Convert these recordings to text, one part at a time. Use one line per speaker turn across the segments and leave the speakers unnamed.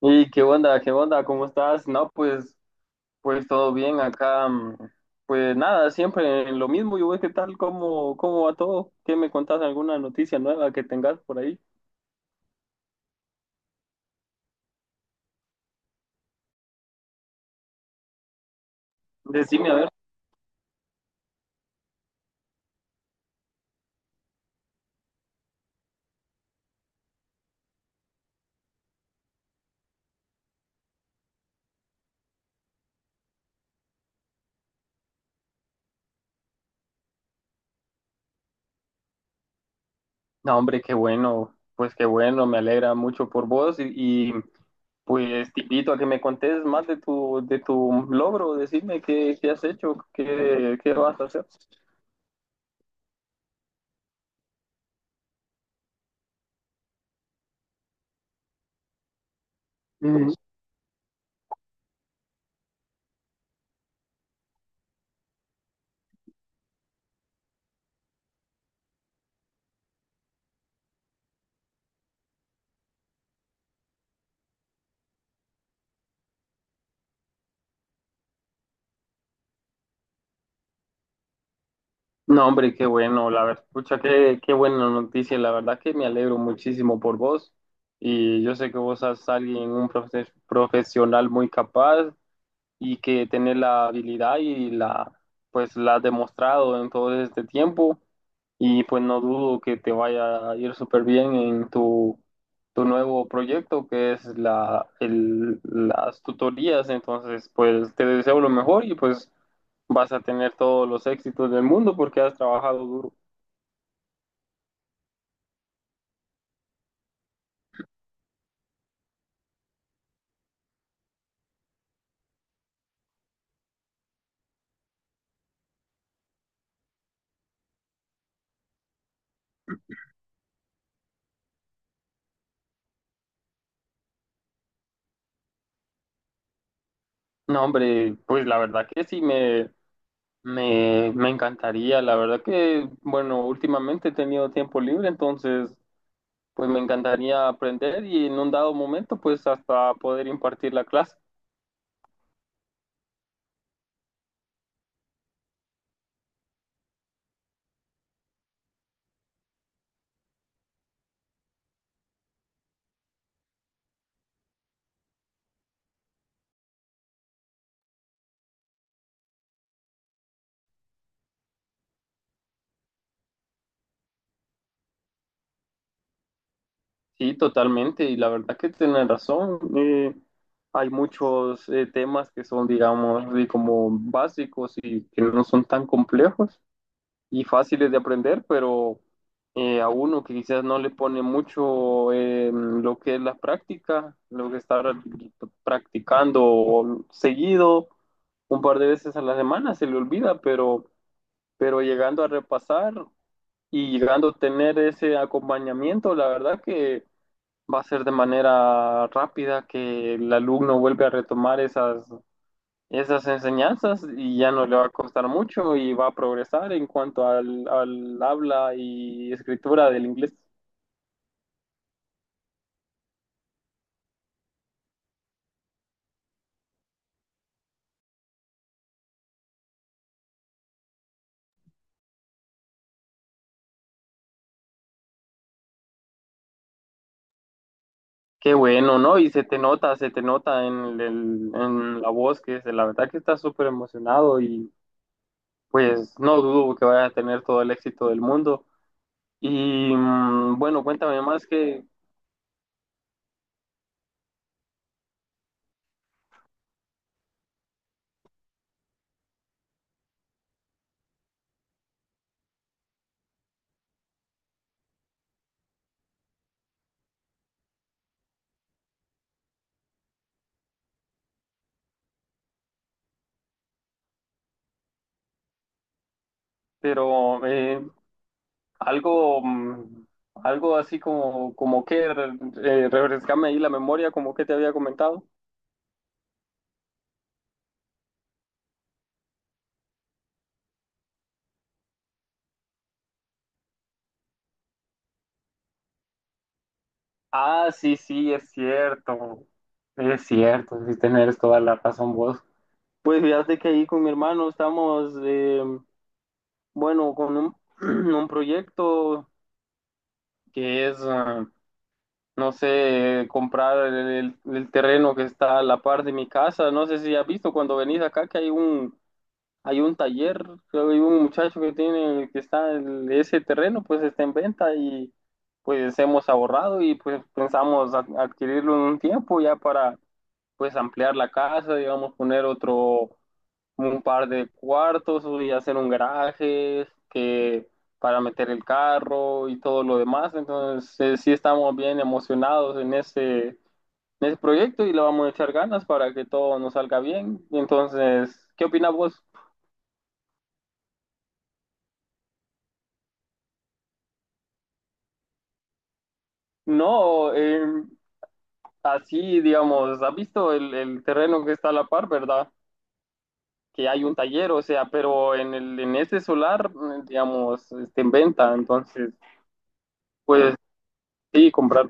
¿Y qué onda? ¿Qué onda? ¿Cómo estás? No, pues todo bien acá. Pues nada, siempre lo mismo. Yo voy, ¿qué tal? ¿Cómo va todo? ¿Qué me contás? ¿Alguna noticia nueva que tengas por ahí? Decime, a ver. No, hombre, qué bueno. Pues qué bueno, me alegra mucho por vos y pues te invito a que me contés más de tu logro. Decime qué has hecho, qué vas a hacer. No, hombre, qué bueno, la verdad, pucha, qué buena noticia, la verdad que me alegro muchísimo por vos y yo sé que vos sos alguien, un profesional muy capaz y que tiene la habilidad y pues la ha demostrado en todo este tiempo y pues no dudo que te vaya a ir súper bien en tu nuevo proyecto, que es las tutorías. Entonces, pues te deseo lo mejor y pues vas a tener todos los éxitos del mundo porque has trabajado duro. No, hombre, pues la verdad que sí me encantaría. La verdad que, bueno, últimamente he tenido tiempo libre, entonces pues me encantaría aprender y en un dado momento pues hasta poder impartir la clase. Sí, totalmente, y la verdad que tienen razón. Hay muchos temas que son, digamos, de como básicos y que no son tan complejos y fáciles de aprender. Pero a uno que quizás no le pone mucho lo que es la práctica, lo que está practicando seguido un par de veces a la semana, se le olvida. Pero llegando a repasar y llegando a tener ese acompañamiento, la verdad que va a ser de manera rápida que el alumno vuelve a retomar esas enseñanzas y ya no le va a costar mucho y va a progresar en cuanto al habla y escritura del inglés. Qué bueno, ¿no? Y se te nota en, en la voz, que es, la verdad que estás súper emocionado y pues no dudo que vaya a tener todo el éxito del mundo. Y bueno, cuéntame más que, pero algo, mm, algo así como que refrescame ahí la memoria, como que te había comentado. Ah, sí, sí, es cierto, sí tenés toda la razón vos. Pues fíjate que ahí con mi hermano estamos, bueno, con un, un proyecto que es, no sé, comprar el terreno que está a la par de mi casa. No sé si has visto cuando venís acá que hay un taller. Creo que hay un muchacho que tiene, que está en ese terreno. Pues está en venta y pues hemos ahorrado y pues pensamos adquirirlo en un tiempo ya para pues ampliar la casa, digamos, poner otro, un par de cuartos y hacer un garaje que para meter el carro y todo lo demás. Entonces, sí estamos bien emocionados en ese proyecto y le vamos a echar ganas para que todo nos salga bien. Entonces, ¿qué opinas vos? No, así, digamos, has visto el terreno que está a la par, ¿verdad? Que hay un taller, o sea, pero en ese solar, digamos, está en venta. Entonces, pues sí, comprar.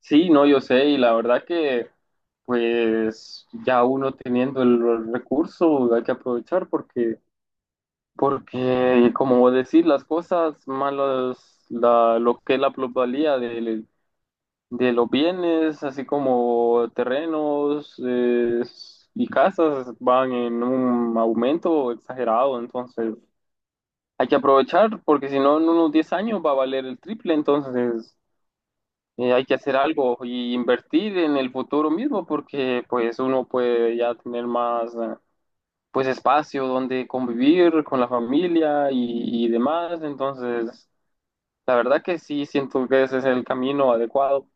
Sí, no, yo sé, y la verdad que, pues, ya uno teniendo el recurso, hay que aprovechar. Porque, como decir, las cosas malas, lo que es la plusvalía del de los bienes, así como terrenos y casas, van en un aumento exagerado. Entonces, hay que aprovechar porque si no, en unos 10 años va a valer el triple. Entonces, hay que hacer algo y invertir en el futuro mismo, porque pues uno puede ya tener más pues espacio donde convivir con la familia y demás. Entonces, la verdad que sí siento que ese es el camino adecuado.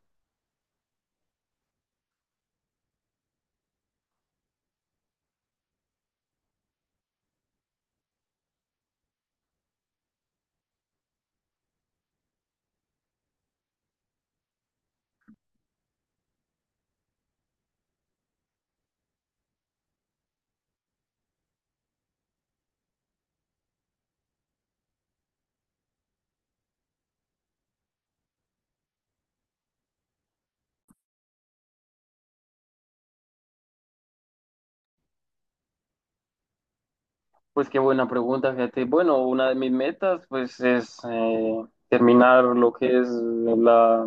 Pues qué buena pregunta, fíjate. Bueno, una de mis metas, pues, es terminar lo que es la,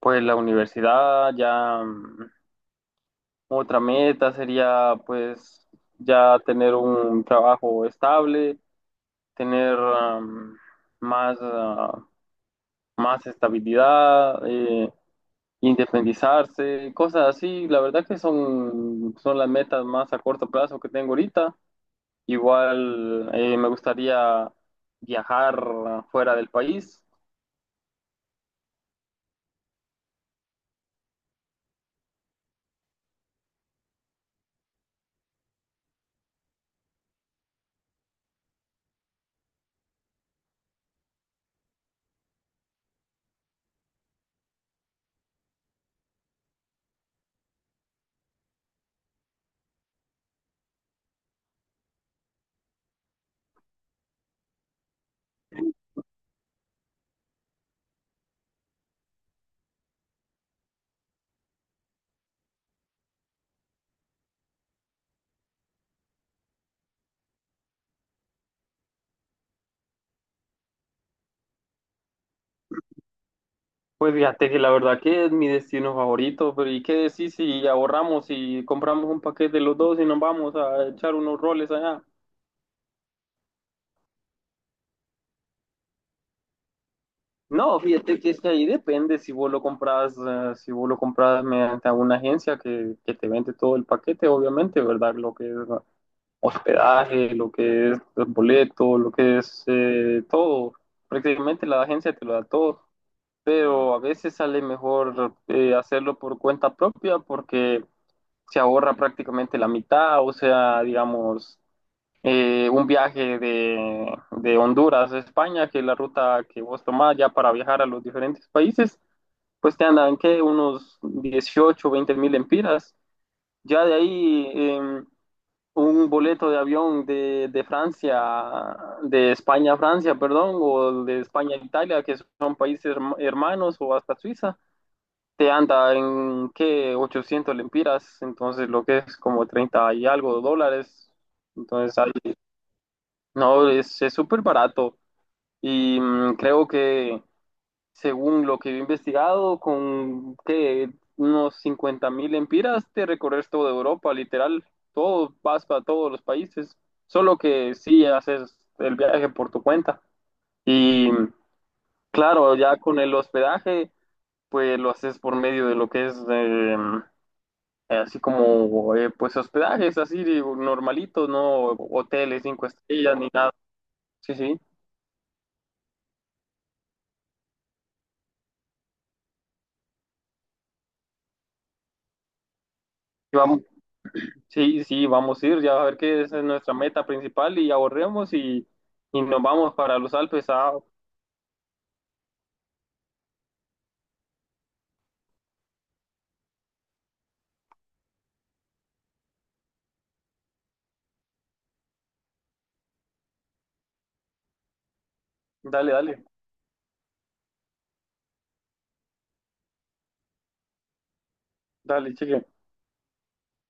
pues, la universidad. Ya otra meta sería, pues, ya tener un trabajo estable, tener más, ah, más estabilidad, independizarse, cosas así. La verdad que son las metas más a corto plazo que tengo ahorita. Igual me gustaría viajar fuera del país. Pues fíjate que la verdad que es mi destino favorito, pero ¿y qué decís si ahorramos y compramos un paquete los dos y nos vamos a echar unos roles allá? No, fíjate que es que ahí depende si vos lo compras, si vos lo compras mediante alguna agencia que te vende todo el paquete, obviamente, ¿verdad? Lo que es hospedaje, lo que es el boleto, lo que es todo. Prácticamente la agencia te lo da todo. Pero a veces sale mejor hacerlo por cuenta propia porque se ahorra prácticamente la mitad, o sea, digamos, un viaje de Honduras a España, que es la ruta que vos tomás ya para viajar a los diferentes países, pues te andan, ¿qué? Unos 18, 20,000 empiras. Ya de ahí, un boleto de avión de Francia, de España a Francia, perdón, o de España a Italia, que son países hermanos, o hasta Suiza te anda en que 800 lempiras, entonces lo que es como 30 y algo dólares. Entonces ahí, no, es súper barato. Y creo que según lo que he investigado, con que unos 50 mil lempiras te recorres toda Europa, literal, todo, vas para todos los países. Solo que sí haces el viaje por tu cuenta. Y claro, ya con el hospedaje, pues lo haces por medio de lo que es así como pues hospedajes, así digo, normalitos, no hoteles cinco estrellas ni nada. Sí, sí. Y vamos, sí, sí, vamos a ir. Ya a ver qué es nuestra meta principal y ahorremos y nos vamos para los Alpes. Ah, dale, dale, dale, cheque.